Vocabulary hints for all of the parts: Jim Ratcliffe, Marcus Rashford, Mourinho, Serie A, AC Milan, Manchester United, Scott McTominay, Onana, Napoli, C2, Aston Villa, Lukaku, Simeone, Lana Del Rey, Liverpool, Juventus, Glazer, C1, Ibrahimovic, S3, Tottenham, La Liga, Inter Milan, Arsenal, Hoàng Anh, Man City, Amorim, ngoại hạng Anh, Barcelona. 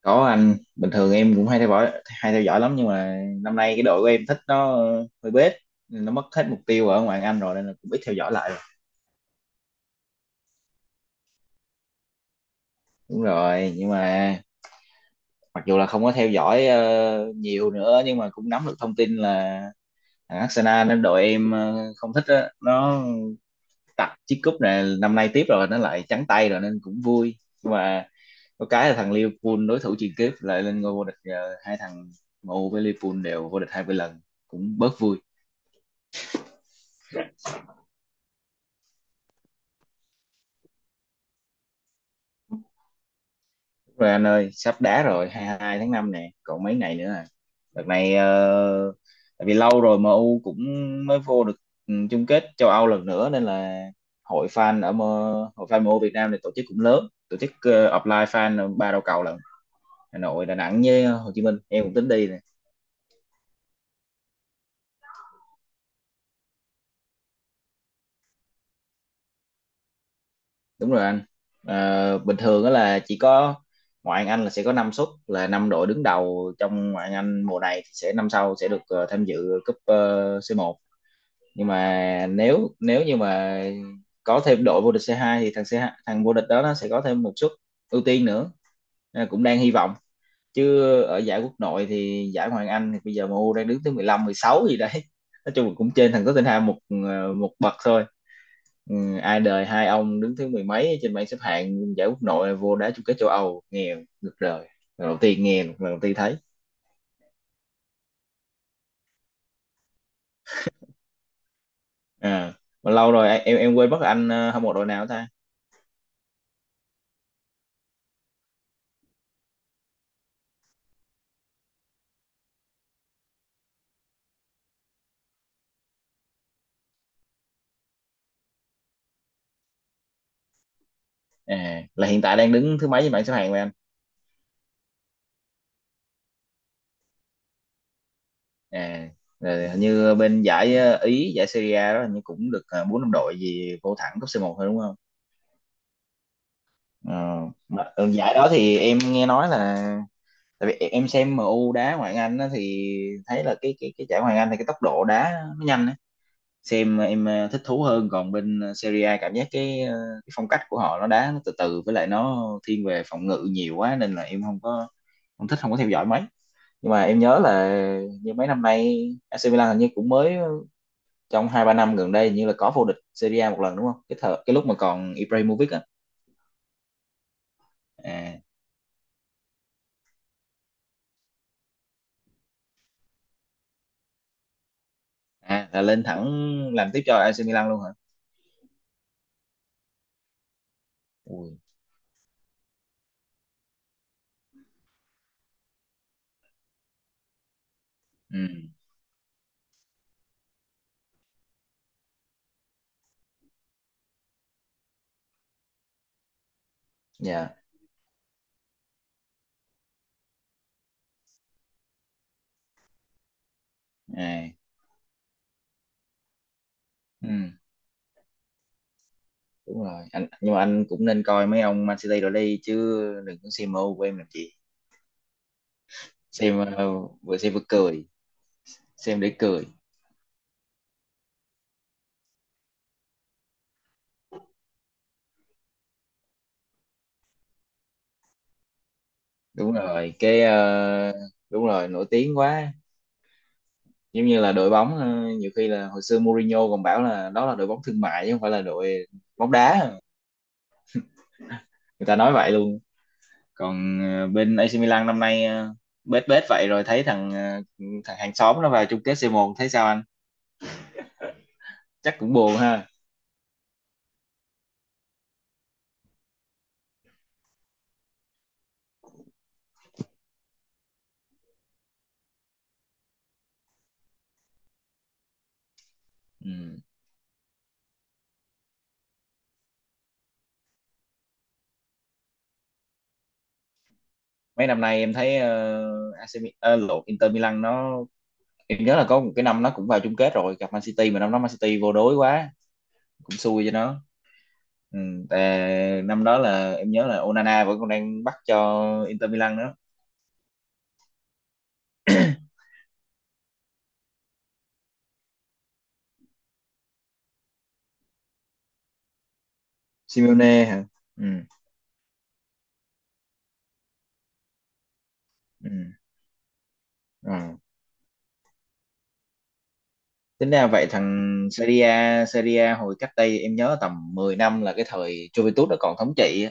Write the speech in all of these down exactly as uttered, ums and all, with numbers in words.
Có anh, bình thường em cũng hay theo dõi hay theo dõi lắm nhưng mà năm nay cái đội của em thích nó ờ, hơi bết, nên nó mất hết mục tiêu ở ngoại hạng Anh rồi nên là cũng ít theo dõi lại rồi. Đúng rồi, nhưng mà mặc dù là không có theo dõi ờ, nhiều nữa nhưng mà cũng nắm được thông tin là thằng Arsenal nên đội em ờ, không thích á, nó tặc chiếc cúp này năm nay tiếp rồi nó lại trắng tay rồi nên cũng vui. Nhưng mà có cái là thằng Liverpool đối thủ truyền kiếp lại lên ngôi vô địch, ờ, hai thằng M U với Liverpool đều vô địch hai mươi lần cũng bớt vui. Rồi anh ơi sắp đá rồi, hai mươi hai tháng năm nè còn mấy ngày nữa à. Đợt này ờ, tại vì lâu rồi em U cũng mới vô được ừ, chung kết châu Âu lần nữa nên là hội fan ở M- hội fan M U Việt Nam này tổ chức cũng lớn, tổ chức ờ, offline fan ba đầu cầu lận, Hà Nội, Đà Nẵng với Hồ Chí Minh, em cũng tính đi nè. Đúng rồi anh. Ờ, bình thường đó là chỉ có ngoại hạng Anh là sẽ có năm suất, là năm đội đứng đầu trong ngoại hạng Anh mùa này thì sẽ năm sau sẽ được ờ, tham dự cúp ờ, xê một. Nhưng mà nếu nếu như mà có thêm đội vô địch xê hai thì thằng C hai, thằng vô địch đó nó sẽ có thêm một suất ưu tiên nữa. Nên là cũng đang hy vọng, chứ ở giải quốc nội thì giải Hoàng Anh thì bây giờ M U đang đứng thứ mười lăm mười sáu gì đấy. Nói chung là cũng trên thằng Tottenham một ờ, một bậc thôi. Ừ, ai đời hai ông đứng thứ mười mấy trên bảng xếp hạng giải quốc nội là vô đá chung kết châu Âu nghe được rồi. Lần đầu tiên nghe, lần đầu tiên thấy. à, mà lâu rồi em em quên mất anh ờ, hâm mộ đội nào ta. À, là hiện tại đang đứng thứ mấy trên bảng xếp hạng vậy anh. À, rồi hình như bên giải ờ, Ý, giải Serie A đó hình như cũng được ờ, bốn năm đội gì vô thẳng cấp c một thôi đúng không. Ờ, mà ở giải đó thì em nghe nói là, tại vì em xem em u đá ngoại hạng Anh á, thì thấy là cái cái cái giải ngoại hạng Anh thì cái tốc độ đá nó nhanh á. Xem em ờ, thích thú hơn, còn bên ờ, Serie A cảm giác cái, ờ, cái phong cách của họ nó đá nó từ từ với lại nó thiên về phòng ngự nhiều quá nên là em không có, không thích, không có theo dõi mấy. Nhưng mà em nhớ là như mấy năm nay A C Milan hình như cũng mới trong hai ba năm gần đây như là có vô địch Serie A một lần đúng không, cái thợ cái lúc mà còn Ibrahimovic à, à, à là lên thẳng làm tiếp cho A C Milan luôn hả. Ui. Ừ. Dạ. À. Ừ. Đúng rồi anh, nhưng mà anh cũng nên coi mấy ông Man City rồi đi chứ, đừng có xem M U của em làm gì. xem ờ, Vừa xem vừa cười. Xem để cười. đúng rồi cái ờ, Đúng rồi, nổi tiếng quá. Giống như là đội bóng, ờ, nhiều khi là hồi xưa Mourinho còn bảo là đó là đội bóng thương mại chứ không phải là đội bóng đá. Người ta nói vậy luôn. Còn ờ, bên A C Milan năm nay ờ, bết bết vậy rồi, thấy thằng ờ, thằng hàng xóm nó vào chung kết c một, thấy sao anh, chắc cũng buồn ha. Ừ. Mấy năm nay em thấy ờ, a xê Mi- ờ, lộn, Inter Milan nó, em nhớ là có một cái năm nó cũng vào chung kết rồi gặp Man City mà năm đó Man City vô đối quá, cũng xui cho nó. Ừ. Tại năm đó là em nhớ là Onana vẫn còn đang bắt cho Inter Milan đó. Simeone hả. Ừ. Ừ. Ờ. Tính ra vậy thằng Serie A, Serie A hồi cách đây em nhớ tầm mười năm là cái thời Juventus nó còn thống trị á.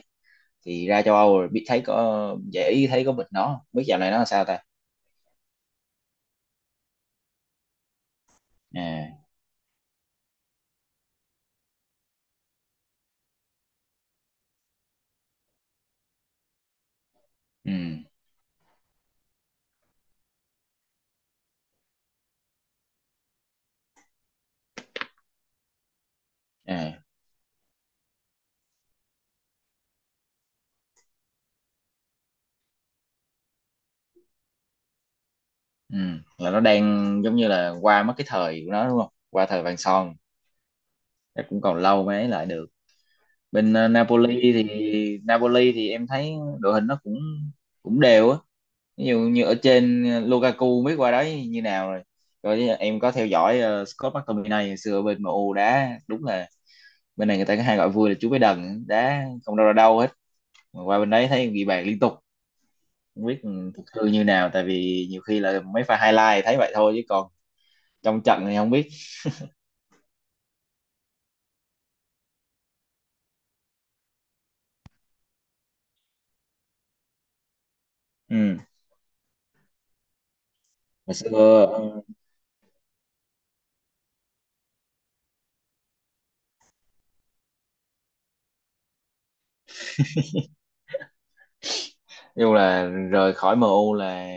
Thì ra châu Âu rồi biết thấy có dễ ý, thấy có bệnh nó không? Biết dạo này nó làm sao ta. À. Ừ. À. Ừ, là nó đang giống như là qua mất cái thời của nó đúng không, qua thời vàng son. Chắc cũng còn lâu mới ấy lại được. Bên ờ, Napoli thì Napoli thì em thấy đội hình nó cũng cũng đều á. Ví dụ như ở trên ờ, Lukaku biết qua đấy như nào rồi. Rồi em có theo dõi ờ, Scott McTominay hồi xưa ở bên em u đá đúng là bên này người ta có hay gọi vui là chú bé đần, đá không đâu ra đâu hết, mà qua bên đấy thấy ghi bàn liên tục. Không biết ừ, thực hư như nào, tại vì nhiều khi là mấy pha highlight thấy vậy thôi chứ còn trong trận thì không biết. Ừ. Hồi xưa ừ, dù là rời khỏi M U là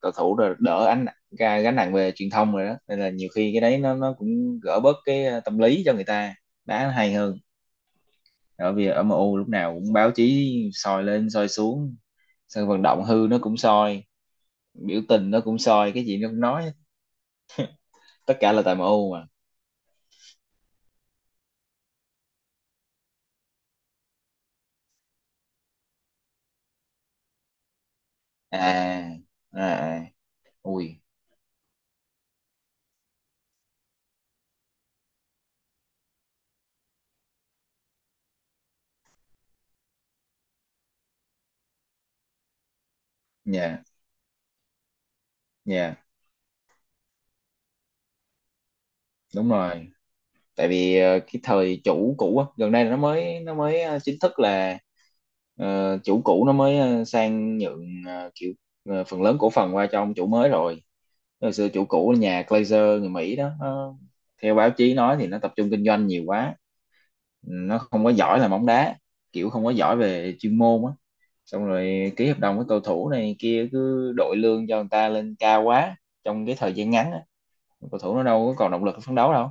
cầu thủ rồi đỡ ánh, ca- gánh nặng về truyền thông rồi đó nên là nhiều khi cái đấy nó nó cũng gỡ bớt cái ờ, tâm lý cho người ta đá hay hơn. Ở vì ở M U lúc nào cũng báo chí soi lên soi xuống, sân vận động hư nó cũng soi, biểu tình nó cũng soi, cái gì nó cũng nói, tất cả là tại M U mà. À. À, à. Ui. Dạ, dạ, đúng rồi. Tại vì ờ, cái thời chủ cũ á gần đây là nó mới nó mới ờ, chính thức là, ờ, chủ cũ nó mới ờ, sang nhượng, ờ, kiểu ờ, phần lớn cổ phần qua cho ông chủ mới rồi. Hồi xưa chủ cũ là nhà Glazer người Mỹ đó, nó, theo báo chí nói thì nó tập trung kinh doanh nhiều quá, nó không có giỏi là bóng đá, kiểu không có giỏi về chuyên môn á, xong rồi ký hợp đồng với cầu thủ này kia cứ đội lương cho người ta lên cao quá trong cái thời gian ngắn á, cầu thủ nó đâu có còn động lực phấn đấu đâu,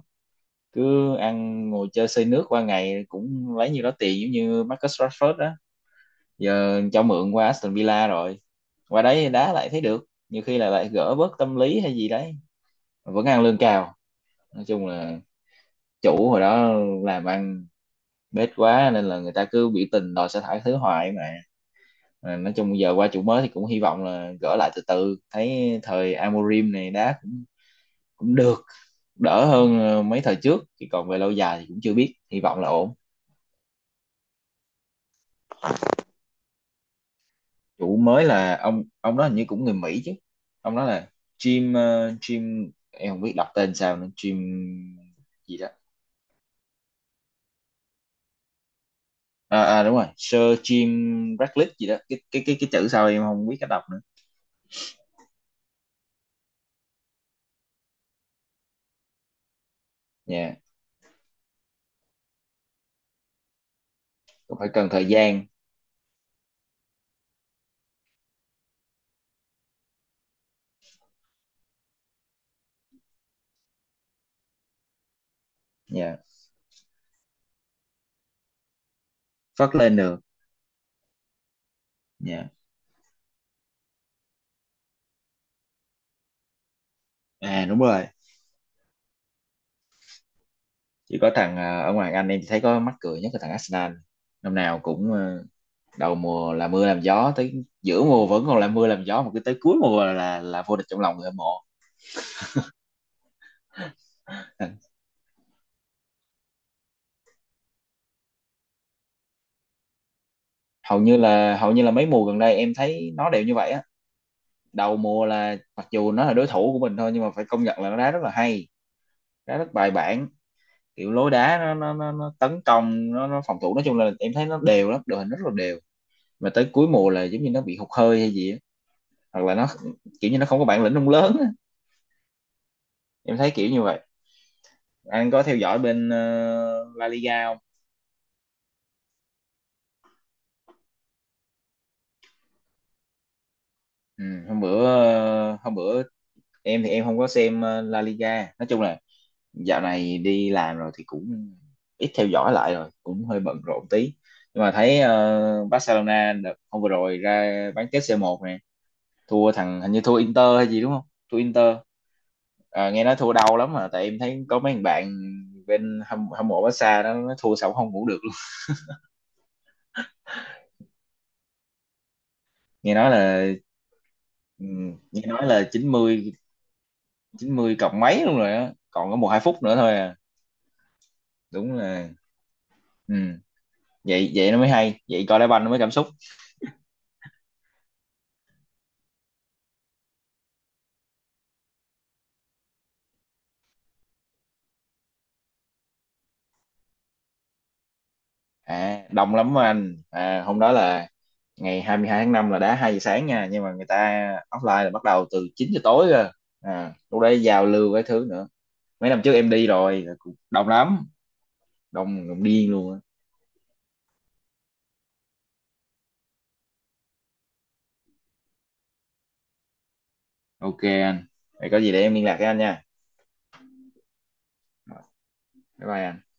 cứ ăn ngồi chơi xây nước qua ngày cũng lấy nhiêu đó tiền, giống như Marcus Rashford đó, giờ cho mượn qua Aston Villa rồi, qua đấy đá lại thấy được, nhiều khi là lại gỡ bớt tâm lý hay gì đấy, vẫn ăn lương cao. Nói chung là chủ hồi đó làm ăn bết quá nên là người ta cứ biểu tình đòi sa thải thứ hoài mà. Mà nói chung giờ qua chủ mới thì cũng hy vọng là gỡ lại từ từ, thấy thời Amorim này đá cũng cũng được, đỡ hơn ờ, mấy thời trước. Thì còn về lâu dài thì cũng chưa biết, hy vọng là ổn. Chủ mới là ông ông đó hình như cũng người Mỹ chứ. Ông đó là Jim ờ, Jim, em không biết đọc tên sao nữa, Jim gì đó. À, à đúng rồi, Sir Jim Ratcliffe gì đó, cái cái cái cái chữ sau em không biết cách đọc nữa. Dạ. Cũng phải cần thời gian. Dạ. Phát lên được. Dạ. À đúng rồi, chỉ có thằng à, ở ngoài Anh em chỉ thấy có mắc cười nhất là thằng Arsenal. Năm nào cũng ờ, đầu mùa là mưa làm gió, tới giữa mùa vẫn còn là mưa làm gió, mà cứ tới cuối mùa là là, là vô địch trong lòng người hâm mộ. À, Hầu như là hầu như là mấy mùa gần đây em thấy nó đều như vậy á. Đầu mùa là mặc dù nó là đối thủ của mình thôi nhưng mà phải công nhận là nó đá rất là hay, đá rất bài bản, kiểu lối đá nó nó nó, nó tấn công, nó, nó phòng thủ, nói chung là em thấy nó đều lắm, đội hình rất là đều. Mà tới cuối mùa là giống như nó bị hụt hơi hay gì á, hoặc là nó kiểu như nó không có bản lĩnh ông lớn á. Em thấy kiểu như vậy. Anh có theo dõi bên ờ, La Liga không. Ừ, hôm bữa, ờ, hôm bữa em thì em không có xem ờ, La Liga, nói chung là dạo này đi làm rồi thì cũng ít theo dõi lại rồi, cũng hơi bận rộn tí. Nhưng mà thấy ờ, Barcelona đợt hôm vừa rồi ra bán kết c một nè, thua thằng hình như thua Inter hay gì đúng không. Thua Inter. Ờ, nghe nói thua đau lắm mà, tại em thấy có mấy thằng bạn bên hâm, hâm mộ Barca đó nó thua xong không ngủ được luôn. Nghe nói là, Ừ, nghe nói là chín mươi, chín mươi cộng mấy luôn rồi á, còn có một hai phút nữa thôi à. Đúng là. Ừ. vậy vậy nó mới hay, vậy coi đá banh nó mới cảm xúc. À, đông lắm á anh à, hôm đó là ngày hai mươi hai tháng năm, là đá hai giờ sáng nha, nhưng mà người ta offline là bắt đầu từ chín giờ tối cơ. À, lúc đấy giao lưu cái thứ nữa. Mấy năm trước em đi rồi là cũng đông lắm, đông đông điên luôn á. Ok anh, vậy có gì để em liên lạc với anh nha. Bye bye anh.